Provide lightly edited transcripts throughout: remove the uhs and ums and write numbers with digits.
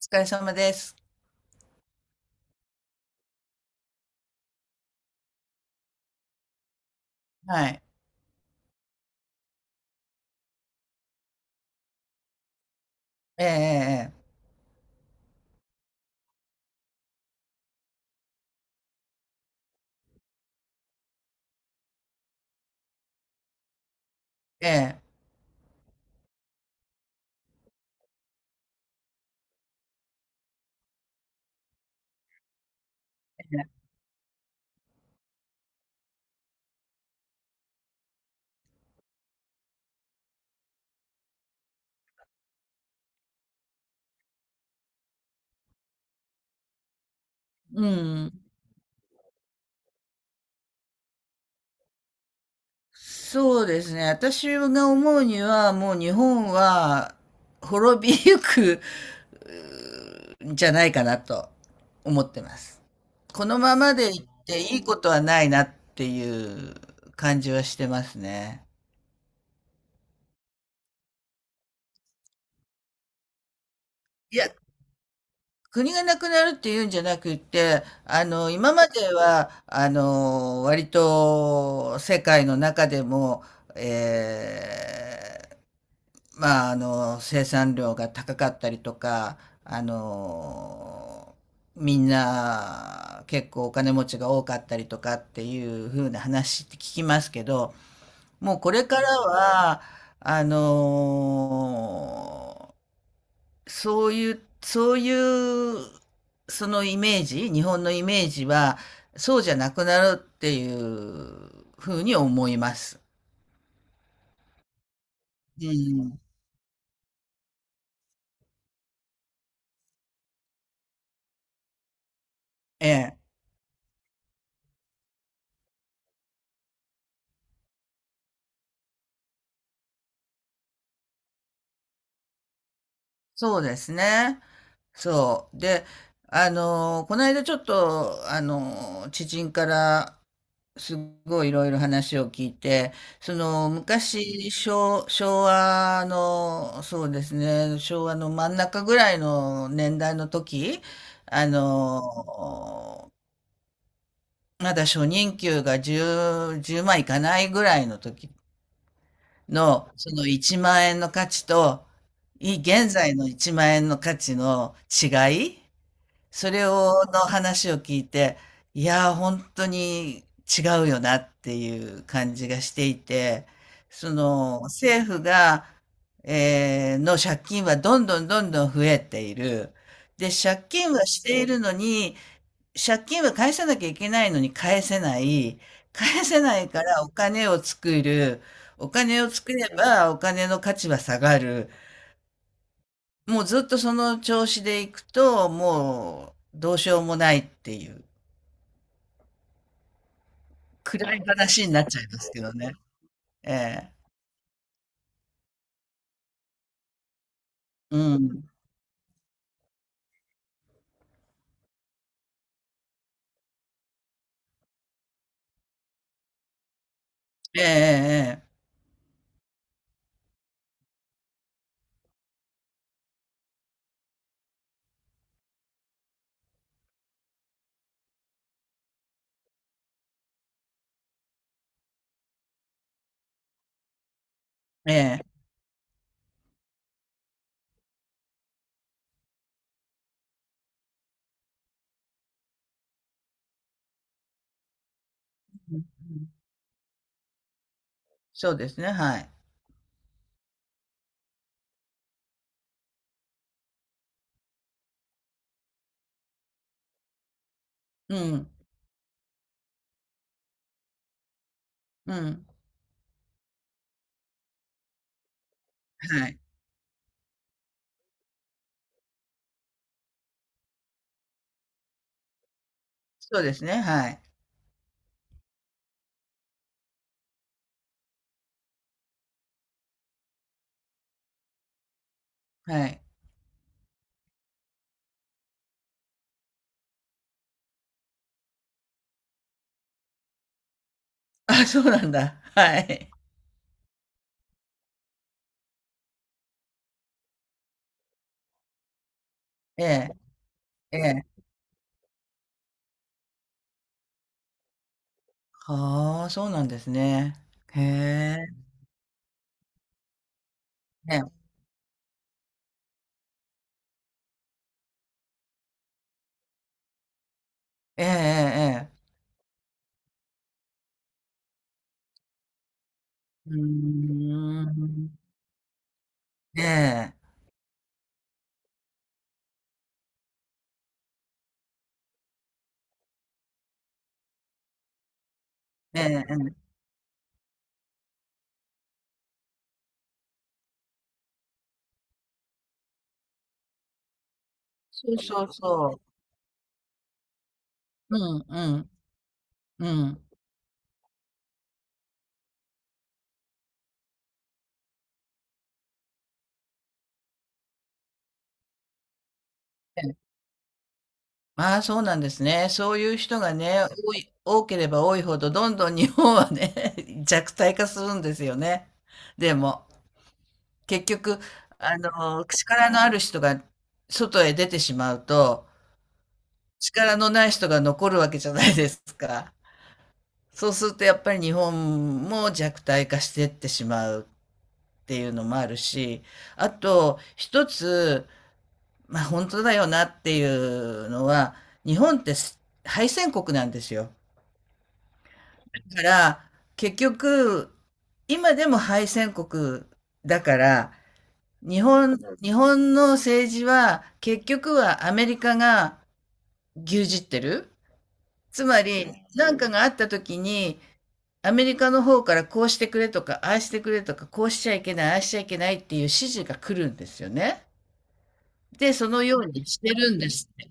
お疲れ様です。はい。ええ、ええ、ええ、ええ。うん。そうですね。私が思うには、もう日本は滅びゆくんじゃないかなと思ってます。このままでいっていいことはないなっていう感じはしてますね。いや、国がなくなるっていうんじゃなくて、今までは、割と世界の中でも、えまあ、生産量が高かったりとか、あの、みんな結構お金持ちが多かったりとかっていう風な話って聞きますけど、もうこれからは、あの、そういう、そのイメージ、日本のイメージは、そうじゃなくなるっていう風に思います。うん。ええ。そうですね。そう。で、この間ちょっと、知人からすごいいろいろ話を聞いて、その昔、昭和の、そうですね、昭和の真ん中ぐらいの年代の時、あのーまだ初任給が10万いかないぐらいの時の、その1万円の価値と、現在の1万円の価値の違いそれを、の話を聞いて、いやー、本当に違うよなっていう感じがしていて、その、政府が、えーの借金はどんどんどんどん増えている。で、借金はしているのに、借金は返さなきゃいけないのに返せない。返せないからお金を作る。お金を作ればお金の価値は下がる。もうずっとその調子でいくと、もうどうしようもないっていう。暗い話になっちゃいますけどね。ええ。うん。ええええええ。ええ。そうですね、はい。うん。うん。はい。そうですね、はい。はい。あ、そうなんだ。はい。ええ、ええ。はあ、そうなんですね。へえ。ええ。ええええええ。うーん。ええ。ええええ。そうそうそう。うんうん。うん。ああ、そうなんですね。そういう人がね、多ければ多いほど、どんどん日本はね、弱体化するんですよね。でも、結局、力のある人が外へ出てしまうと、力のない人が残るわけじゃないですか。そうすると、やっぱり日本も弱体化してってしまうっていうのもあるし、あと、一つ、まあ、本当だよなっていうのは、日本って敗戦国なんですよ。だから、結局、今でも敗戦国だから、日本の政治は結局はアメリカが牛耳ってる。つまり、何かがあった時に、アメリカの方からこうしてくれとか、ああしてくれとか、こうしちゃいけない、ああしちゃいけないっていう指示が来るんですよね。で、そのようにしてるんですって。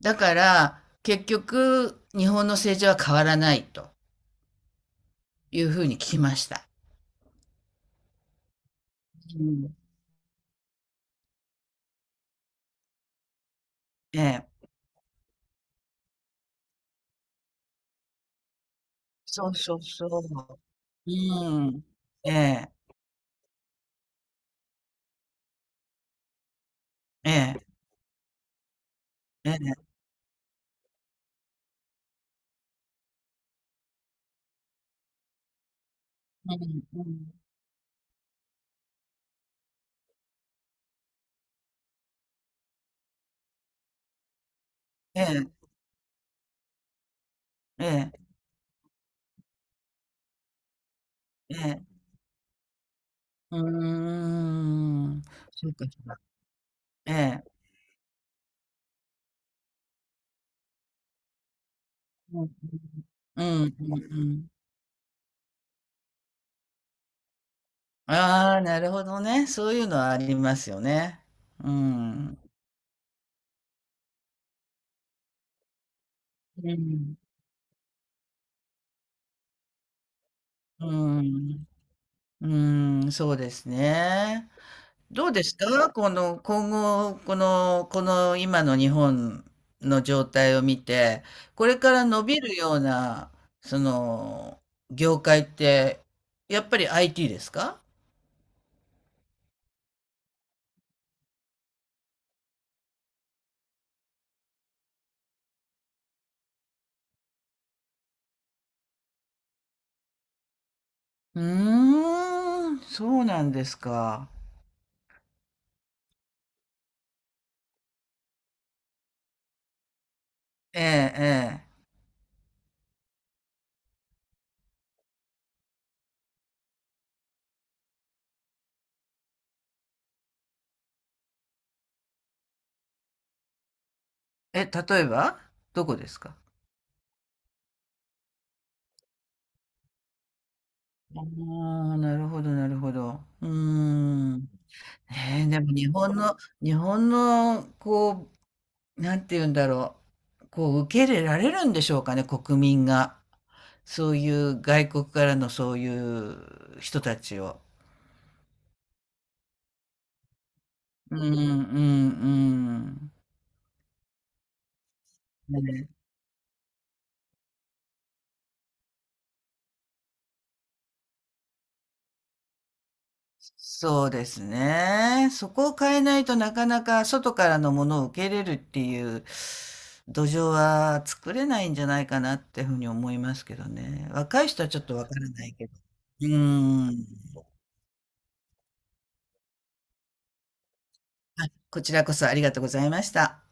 だから、結局、日本の政治は変わらないというふうに聞きました。うん。ええ。そうそうそう。うーん。ええ、ええ、ええ。うんうん。ええ、ええ、ええ。うーん。そうかそうか。ええ。うんうん。うんうんうんうん。ああ、なるほどね。そういうのはありますよね。うん。うん。うん。うん、そうですね。どうですかこの、今後、この今の日本の状態を見て、これから伸びるような、その、業界って、やっぱり IT ですか？うーん、そうなんですか。ええ、ええ。え、例えばどこですか？ああ、なるほど、なるほど。うーん。ねえ、でも日本の、日本の、こなんて言うんだろう、こう受け入れられるんでしょうかね、国民が。そういう外国からのそういう人たちを。うんうんうん。ね、そうですね。そこを変えないとなかなか外からのものを受け入れるっていう土壌は作れないんじゃないかなっていうふうに思いますけどね。若い人はちょっとわからないけど。うん。あ、こちらこそありがとうございました。